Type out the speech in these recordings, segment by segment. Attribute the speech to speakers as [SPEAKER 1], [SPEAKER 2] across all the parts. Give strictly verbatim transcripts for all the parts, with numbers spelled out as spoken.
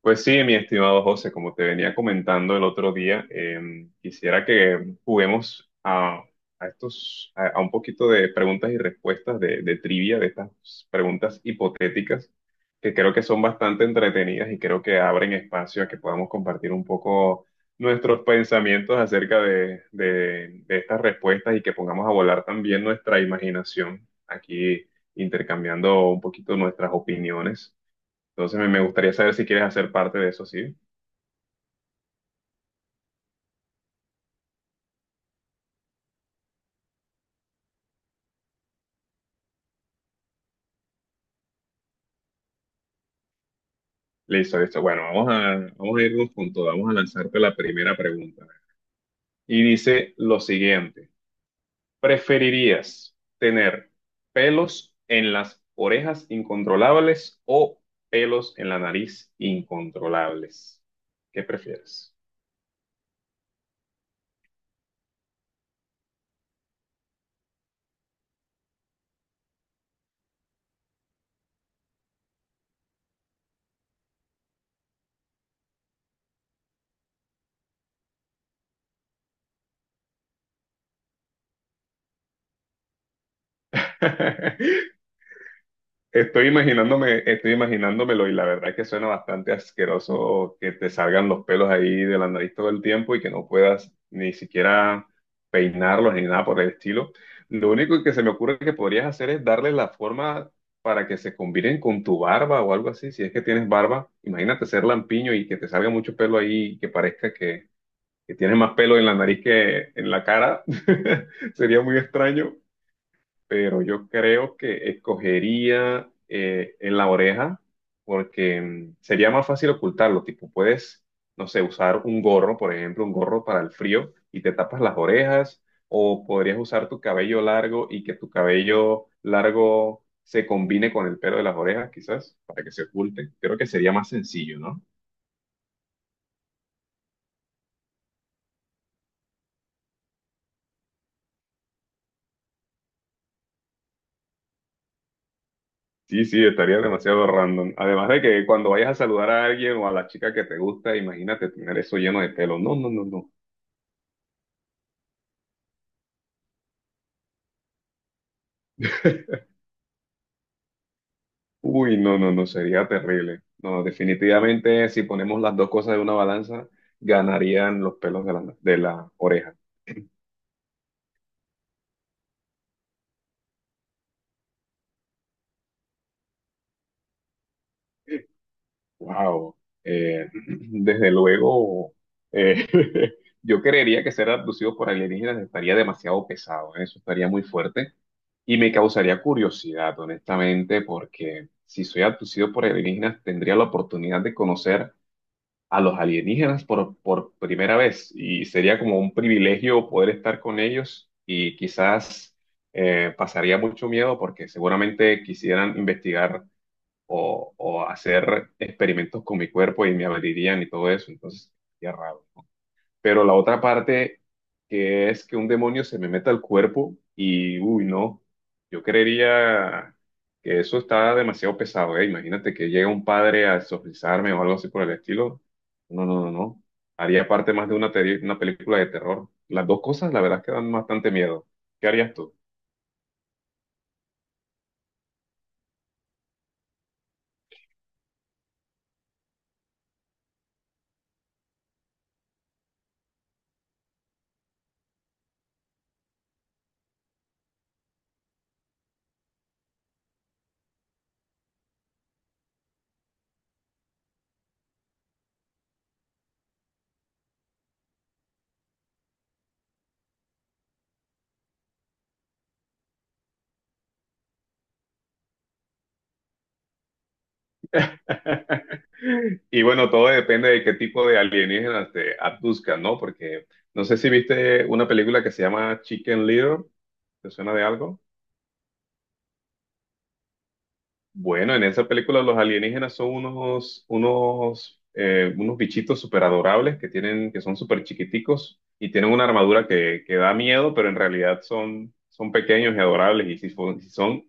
[SPEAKER 1] Pues sí, mi estimado José, como te venía comentando el otro día, em, quisiera que juguemos a, a estos, a, a un poquito de preguntas y respuestas de, de trivia, de estas preguntas hipotéticas, que creo que son bastante entretenidas y creo que abren espacio a que podamos compartir un poco nuestros pensamientos acerca de, de de estas respuestas y que pongamos a volar también nuestra imaginación aquí intercambiando un poquito nuestras opiniones. Entonces me, me gustaría saber si quieres hacer parte de eso, ¿sí? Listo, listo. Bueno, vamos a, vamos a irnos con todo. Vamos a lanzarte la primera pregunta. Y dice lo siguiente. ¿Preferirías tener pelos en las orejas incontrolables o pelos en la nariz incontrolables? ¿Qué prefieres? Estoy imaginándome, estoy imaginándomelo y la verdad es que suena bastante asqueroso que te salgan los pelos ahí de la nariz todo el tiempo y que no puedas ni siquiera peinarlos ni nada por el estilo. Lo único que se me ocurre que podrías hacer es darle la forma para que se combinen con tu barba o algo así, si es que tienes barba. Imagínate ser lampiño y que te salga mucho pelo ahí y que parezca que, que tienes más pelo en la nariz que en la cara. Sería muy extraño, pero yo creo que escogería eh, en la oreja porque mm, sería más fácil ocultarlo, tipo, puedes, no sé, usar un gorro, por ejemplo, un gorro para el frío y te tapas las orejas, o podrías usar tu cabello largo y que tu cabello largo se combine con el pelo de las orejas, quizás, para que se oculte. Creo que sería más sencillo, ¿no? Sí, sí, estaría demasiado random. Además de que cuando vayas a saludar a alguien o a la chica que te gusta, imagínate tener eso lleno de pelo. No, no, no, no. Uy, no, no, no, sería terrible. No, definitivamente si ponemos las dos cosas de una balanza, ganarían los pelos de la, de la oreja. Wow. Eh, desde luego, eh, yo creería que ser abducido por alienígenas estaría demasiado pesado, ¿eh? Eso estaría muy fuerte y me causaría curiosidad, honestamente, porque si soy abducido por alienígenas, tendría la oportunidad de conocer a los alienígenas por, por primera vez y sería como un privilegio poder estar con ellos y quizás eh, pasaría mucho miedo porque seguramente quisieran investigar o, o hacer experimentos con mi cuerpo y me abrirían y todo eso, entonces sería raro. Pero la otra parte que es que un demonio se me meta al cuerpo y, uy, no, yo creería que eso está demasiado pesado, ¿eh? Imagínate que llega un padre a exorcizarme o algo así por el estilo. No, no, no, no. Haría parte más de una, teri- una película de terror. Las dos cosas, la verdad, es que dan bastante miedo. ¿Qué harías tú? Y bueno, todo depende de qué tipo de alienígenas te abduzcan, ¿no? Porque no sé si viste una película que se llama Chicken Little, ¿te suena de algo? Bueno, en esa película los alienígenas son unos, unos, eh, unos bichitos súper adorables que tienen, que son súper chiquiticos y tienen una armadura que, que da miedo, pero en realidad son, son pequeños y adorables. Y si, fon- si son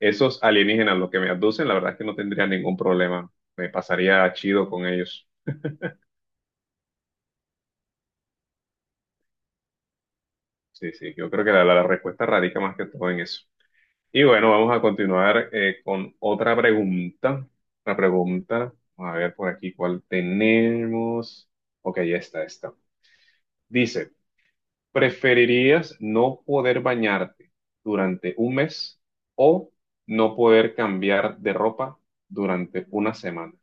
[SPEAKER 1] esos alienígenas los que me abducen, la verdad es que no tendría ningún problema. Me pasaría chido con ellos. Sí, sí, yo creo que la, la respuesta radica más que todo en eso. Y bueno, vamos a continuar eh, con otra pregunta. Una pregunta, a ver por aquí cuál tenemos. Ok, esta, esta. Dice, ¿preferirías no poder bañarte durante un mes o no poder cambiar de ropa durante una semana?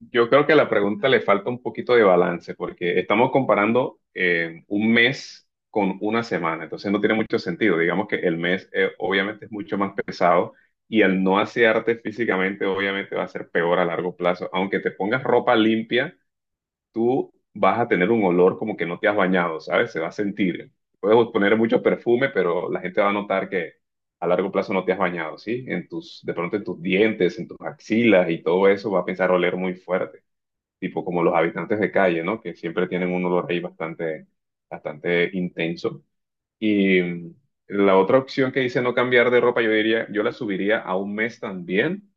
[SPEAKER 1] Yo creo que a la pregunta le falta un poquito de balance porque estamos comparando eh, un mes con una semana, entonces no tiene mucho sentido. Digamos que el mes eh, obviamente es mucho más pesado y al no asearte físicamente obviamente va a ser peor a largo plazo. Aunque te pongas ropa limpia, tú vas a tener un olor como que no te has bañado, ¿sabes? Se va a sentir. Puedes poner mucho perfume, pero la gente va a notar que a largo plazo no te has bañado, ¿sí? En tus, de pronto en tus dientes, en tus axilas y todo eso va a pensar oler muy fuerte, tipo como los habitantes de calle, ¿no? Que siempre tienen un olor ahí bastante, bastante intenso. Y mm, la otra opción que dice no cambiar de ropa, yo diría, yo la subiría a un mes también.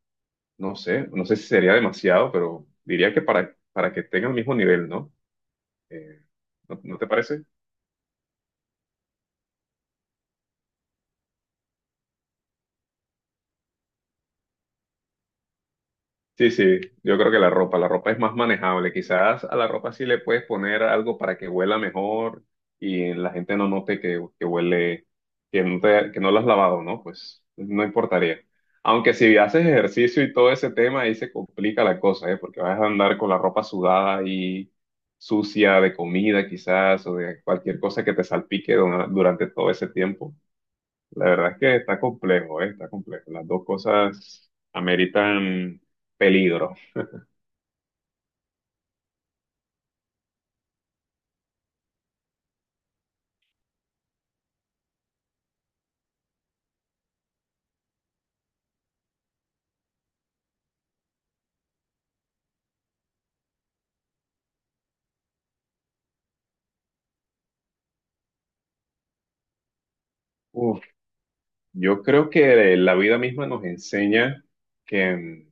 [SPEAKER 1] No sé, no sé si sería demasiado, pero diría que para, para que tenga el mismo nivel, ¿no? Eh, ¿no, no te parece? Sí, sí, yo creo que la ropa, la ropa es más manejable. Quizás a la ropa sí le puedes poner algo para que huela mejor y la gente no note que, que huele, que no te- que no lo has lavado, ¿no? Pues no importaría. Aunque si haces ejercicio y todo ese tema, ahí se complica la cosa, ¿eh? Porque vas a andar con la ropa sudada y sucia de comida quizás o de cualquier cosa que te salpique dura- durante todo ese tiempo. La verdad es que está complejo, ¿eh? Está complejo. Las dos cosas ameritan peligro. Uf, yo creo que la vida misma nos enseña que mm,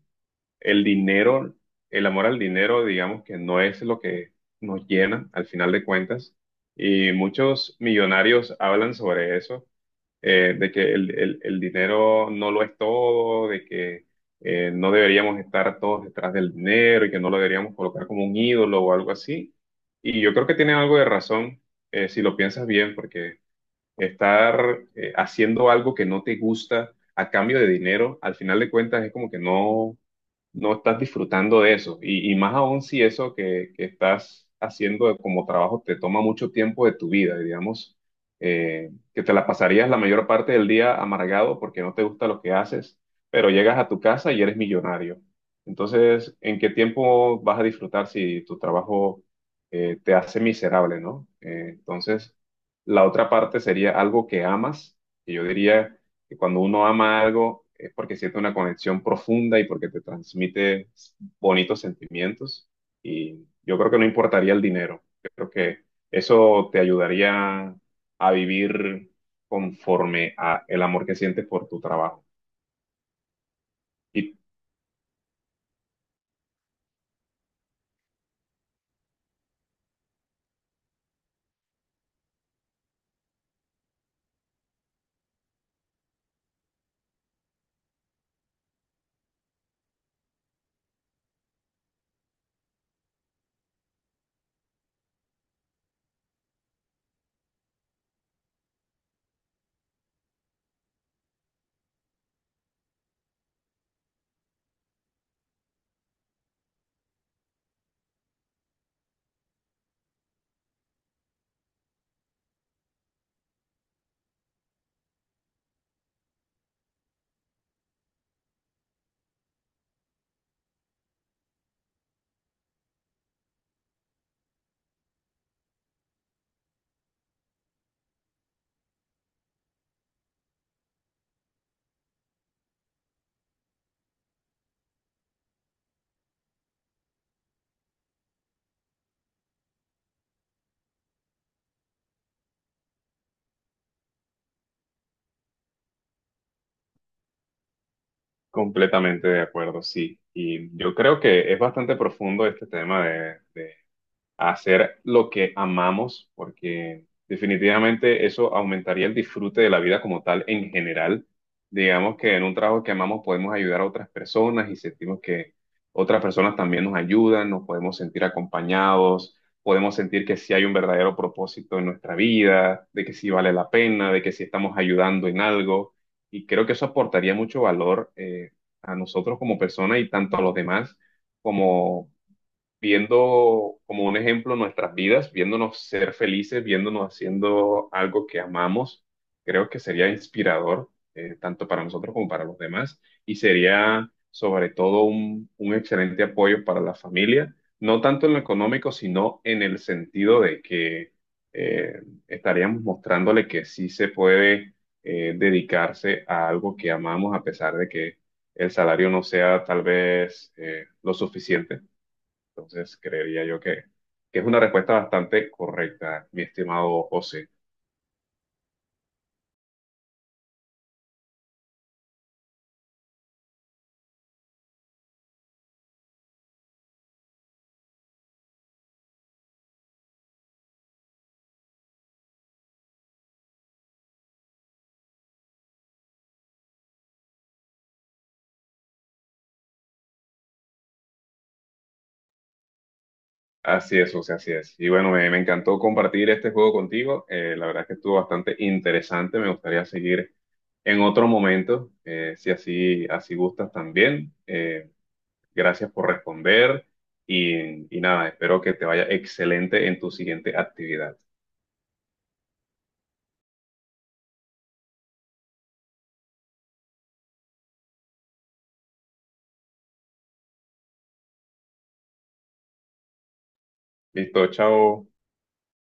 [SPEAKER 1] el dinero, el amor al dinero, digamos que no es lo que nos llena al final de cuentas. Y muchos millonarios hablan sobre eso, eh, de que el, el- el dinero no lo es todo, de que eh, no deberíamos estar todos detrás del dinero y que no lo deberíamos colocar como un ídolo o algo así. Y yo creo que tienen algo de razón, eh, si lo piensas bien, porque estar eh, haciendo algo que no te gusta a cambio de dinero, al final de cuentas es como que no, no estás disfrutando de eso. Y, y más aún si eso que, que estás haciendo como trabajo te toma mucho tiempo de tu vida, digamos, eh, que te la pasarías la mayor parte del día amargado porque no te gusta lo que haces, pero llegas a tu casa y eres millonario. Entonces, ¿en qué tiempo vas a disfrutar si tu trabajo eh, te hace miserable, ¿no? Eh, entonces, la otra parte sería algo que amas, que yo diría que cuando uno ama algo es porque siente una conexión profunda y porque te transmite bonitos sentimientos. Y yo creo que no importaría el dinero. Creo que eso te ayudaría a vivir conforme a el amor que sientes por tu trabajo. Y completamente de acuerdo, sí. Y yo creo que es bastante profundo este tema de, de a hacer lo que amamos, porque definitivamente eso aumentaría el disfrute de la vida como tal en general. Digamos que en un trabajo que amamos podemos ayudar a otras personas y sentimos que otras personas también nos ayudan, nos podemos sentir acompañados, podemos sentir que sí hay un verdadero propósito en nuestra vida, de que sí vale la pena, de que sí estamos ayudando en algo. Y creo que eso aportaría mucho valor eh, a nosotros como personas y tanto a los demás como viendo como un ejemplo nuestras vidas, viéndonos ser felices, viéndonos haciendo algo que amamos, creo que sería inspirador, eh, tanto para nosotros como para los demás, y sería sobre todo un, un excelente apoyo para la familia, no tanto en lo económico, sino en el sentido de que eh, estaríamos mostrándole que sí se puede eh, dedicarse a algo que amamos a pesar de que el salario no sea tal vez eh, lo suficiente. Entonces, creería yo que, que es una respuesta bastante correcta, mi estimado José. Así es, José, así es. Y bueno, me, me encantó compartir este juego contigo. Eh, la verdad es que estuvo bastante interesante. Me gustaría seguir en otro momento, eh, si así, así gustas también. Eh, gracias por responder y, y nada, espero que te vaya excelente en tu siguiente actividad. Listo, chao.